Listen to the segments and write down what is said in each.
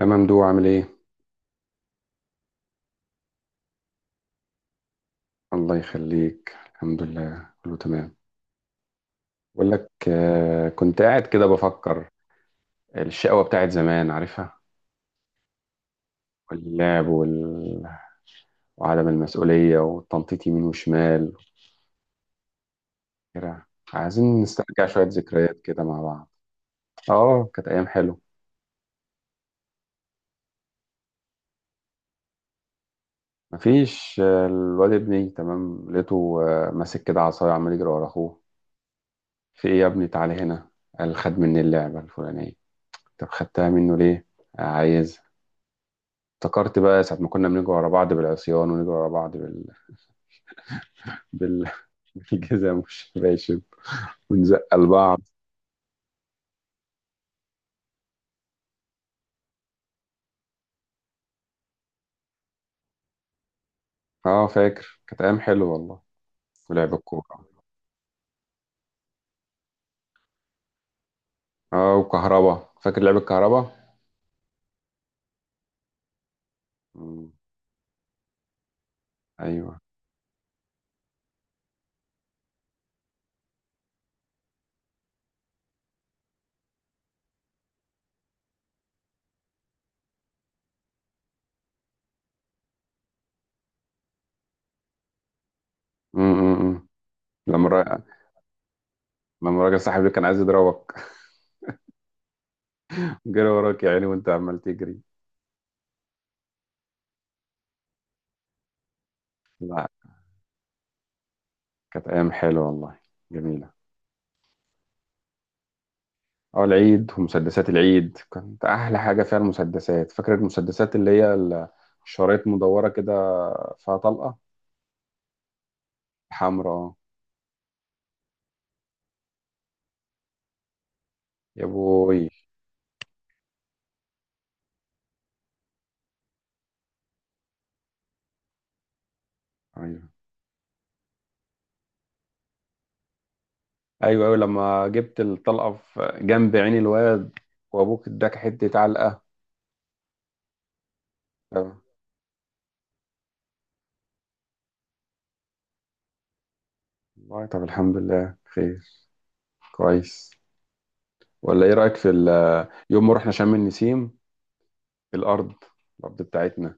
يا ممدوح، عامل ايه؟ الله يخليك، الحمد لله كله تمام. بقول لك، كنت قاعد كده بفكر. الشقوة بتاعت زمان، عارفها؟ واللعب وعدم المسؤولية والتنطيط يمين وشمال. كده، عايزين نسترجع شوية ذكريات كده مع بعض. اه كانت أيام حلوة. مفيش، الواد ابني تمام لقيته. ماسك كده عصاية عمال يجري ورا أخوه. في ايه يا ابني؟ تعالى هنا. قال خد مني اللعبة الفلانية. طب خدتها منه ليه؟ عايز. افتكرت بقى ساعة ما كنا بنجري ورا بعض بالعصيان ونجري ورا بعض بال... بالجزم والشباشب ونزق لبعض. اه فاكر، كانت أيام حلوة والله. ولعب الكورة. اه وكهربا، فاكر لعب الكهربا. مم. أيوه. مم. مم. مم. لما الراجل لما الراجل صاحبي كان عايز يضربك. جري وراك يا عيني وأنت عمال تجري. لا، كانت أيام حلوة والله، جميلة. اه العيد ومسدسات العيد، كانت أحلى حاجة فيها المسدسات. فاكر المسدسات اللي هي شرايط مدورة كده فيها طلقة. حمرا اه. يا بوي. ايوه. ايوه ايوه لما جبت الطلقه في جنب عين الواد وابوك اداك حته علقه. آه. والله طب الحمد لله خير، كويس. ولا ايه رايك في يوم ما رحنا شم النسيم؟ الارض الارض بتاعتنا،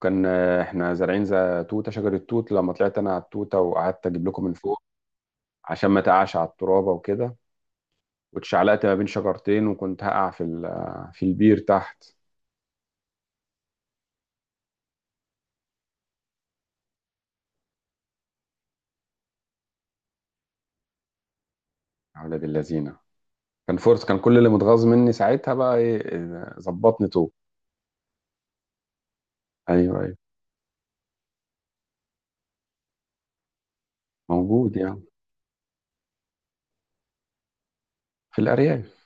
كان احنا زارعين زي توته، شجر التوت. لما طلعت انا على التوته وقعدت اجيب لكم من فوق عشان ما تقعش على الترابه وكده، واتشعلقت ما بين شجرتين وكنت هقع في في البير تحت. يا ولاد اللذينه. كان فورس، كان كل اللي متغاظ مني ساعتها بقى ايه إيه، ظبطني طوب. ايوه ايوه موجود يعني. في الارياف.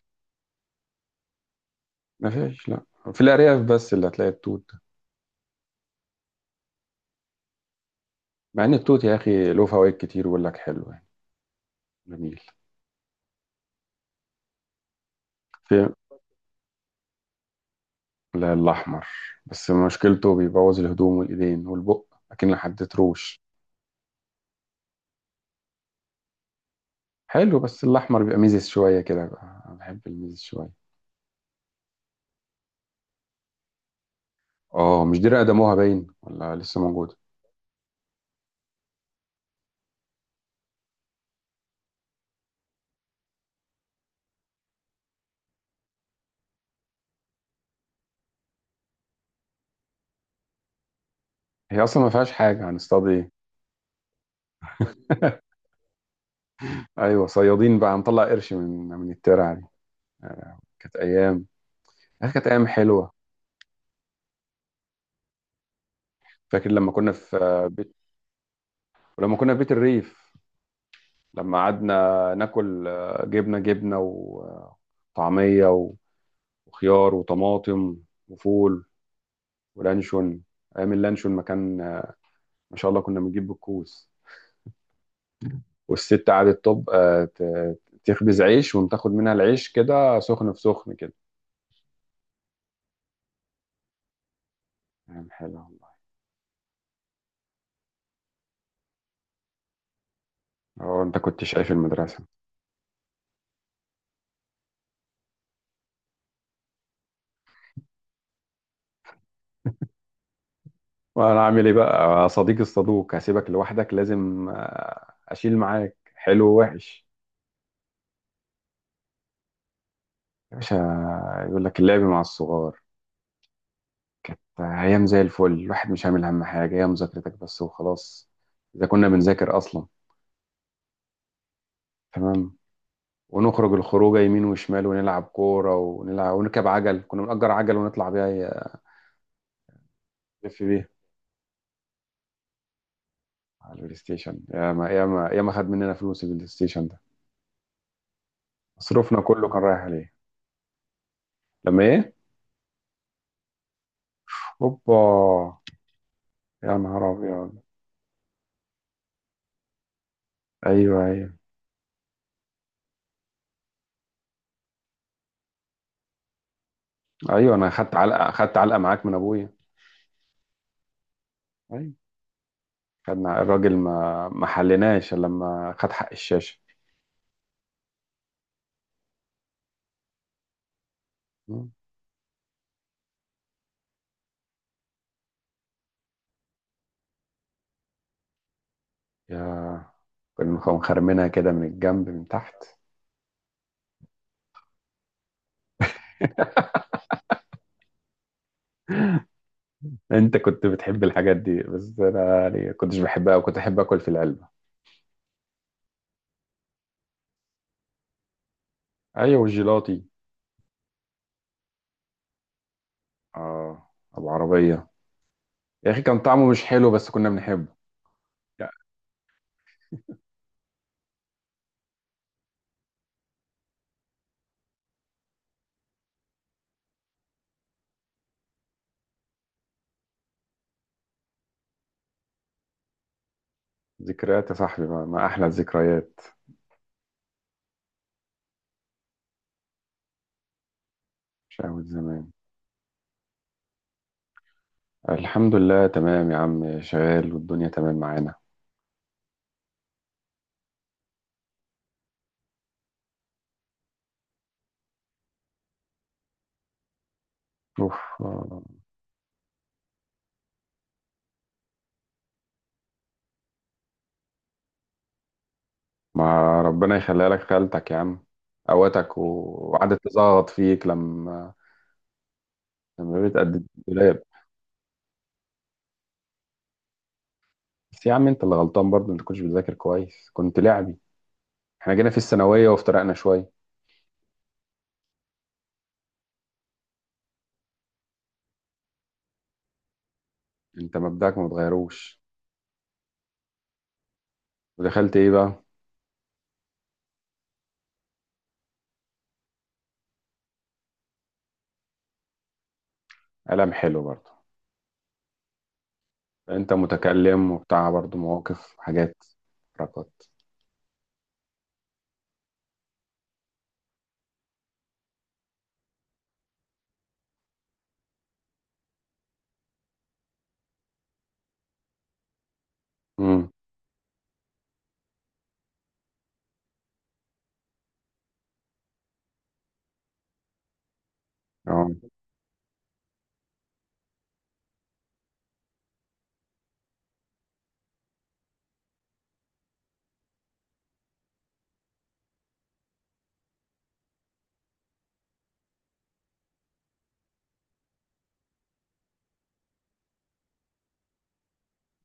ما فيش، لا. في الارياف بس اللي هتلاقي التوت ده. مع ان التوت يا اخي له فوائد كتير، بيقول لك حلو يعني جميل. في، لا الاحمر. بس مشكلته بيبوظ الهدوم والايدين والبق، لكن حددتروش. حلو، بس الاحمر بيبقى ميزز شويه كده بقى. انا بحب الميزز شويه. اه، مش دي رقدموها باين ولا لسه موجوده؟ هي اصلا ما فيهاش حاجه، هنصطاد ايه؟ ايوه صيادين بقى، هنطلع قرش من الترعه دي. كانت ايام. كانت ايام حلوه. فاكر لما كنا في بيت، ولما كنا في بيت الريف. لما قعدنا ناكل جبنه جبنه وطعميه وخيار وطماطم وفول ولانشون. ايام اللانشون ما كان ما شاء الله كنا بنجيب بالكوس. والست قعدت طب تخبز عيش وتاخد منها العيش كده سخن في سخن كده. ايام حلوه والله. اه انت كنت شايف المدرسه. وانا عامل ايه بقى؟ صديق الصدوق هسيبك لوحدك؟ لازم اشيل معاك حلو ووحش. يا باشا. يقول لك اللعب مع الصغار كانت ايام زي الفل. الواحد مش عامل هم حاجه، هي مذاكرتك بس وخلاص، اذا كنا بنذاكر اصلا. تمام. ونخرج الخروجه يمين وشمال ونلعب كوره ونلعب ونركب عجل، كنا بنأجر عجل ونطلع بيها، نلف بيها على البلاي ستيشن. يا ما يا ما يا ما خد مننا فلوس البلاي ستيشن ده، مصروفنا كله كان رايح عليه. لما ايه؟ هوبا، يا نهار ابيض. ايوه ايوه ايوه، انا خدت علقه، معاك من ابويا. ايوه. خدنا الراجل، ما حلناش إلا لما خد حق الشاشه. مم. يا، كنا مخرمينها كده من الجنب من تحت. انت كنت بتحب الحاجات دي، بس انا يعني كنتش بحبها وكنت احب اكل في العلبه. ايوه والجيلاطي. اه ابو عربيه. يا اخي كان طعمه مش حلو بس كنا بنحبه. لا، ذكريات يا صاحبي، ما احلى الذكريات. شقاوة زمان. الحمد لله تمام يا عم، شغال والدنيا تمام معانا. اوف آه. ما ربنا يخليها لك خالتك يا عم. قوتك و... وقعدت تزغط فيك لما بتقدم الدولاب. بس يا عم انت اللي غلطان برضه، انت كنتش بتذاكر كويس، كنت لعبي. احنا جينا في الثانويه وافترقنا شويه. انت مبدأك ما اتغيروش. ودخلت ايه بقى؟ قلم حلو برضه. انت متكلم وبتاع برضه، مواقف حاجات حركات. امم. اه.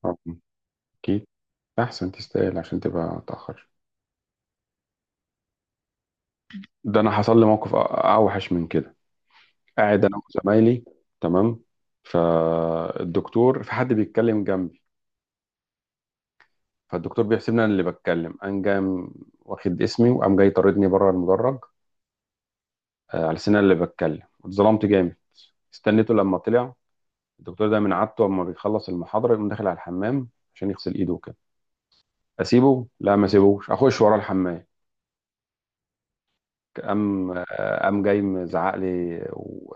آه. اكيد، احسن تستاهل عشان تبقى اتاخر. ده انا حصل لي موقف اوحش من كده. قاعد انا وزمايلي، تمام. في حد بيتكلم جنبي، فالدكتور بيحسبني انا اللي بتكلم، قام جام واخد اسمي وقام جاي طاردني بره المدرج. على سن أنا اللي بتكلم، اتظلمت جامد. استنيته لما طلع. الدكتور ده من عادته اما بيخلص المحاضره يقوم داخل على الحمام عشان يغسل ايده وكده. اسيبه؟ لا، ما اسيبوش. اخش ورا الحمام. قام جاي مزعق لي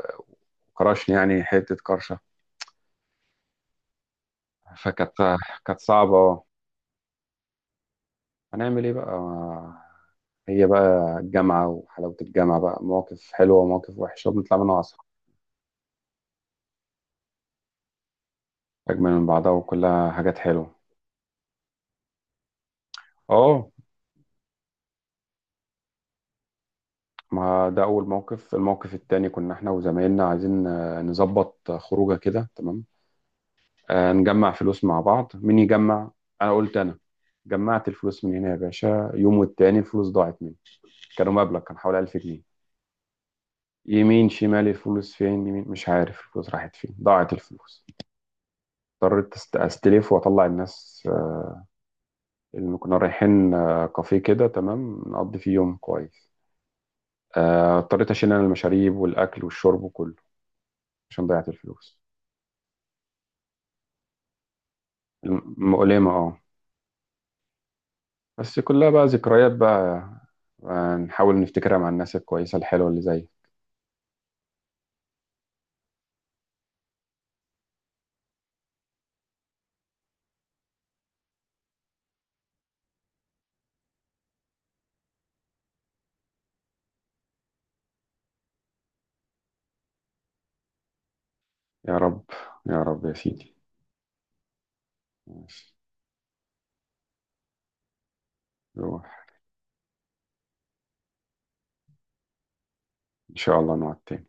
وكرشني يعني حته كرشه. فكانت، كانت صعبه أه. هنعمل ايه بقى؟ هي بقى الجامعة، وحلاوة الجامعة بقى مواقف حلوة ومواقف وحشة وبنطلع منها أصحاب. أجمل من بعضها، وكلها حاجات حلوة. اه. ما ده أول موقف. الموقف التاني كنا احنا وزمايلنا عايزين نظبط خروجة كده تمام، نجمع فلوس مع بعض. مين يجمع؟ أنا قلت أنا. جمعت الفلوس من هنا يا باشا، يوم والتاني الفلوس ضاعت مني. كانوا مبلغ كان حوالي 1000 جنيه. يمين شمال الفلوس فين؟ يمين، مش عارف الفلوس راحت فين، ضاعت الفلوس. اضطريت استلف واطلع الناس. إن كنا رايحين كافيه كده تمام نقضي فيه يوم كويس. اضطريت أشيل أنا المشاريب والأكل والشرب وكله عشان ضيعت الفلوس. مؤلمة اه. بس كلها بقى ذكريات بقى. نحاول نفتكرها مع الناس الكويسة الحلوة اللي زي. يا رب، يا رب يا سيدي. ماشي. روح. إن شاء الله نقعد تاني.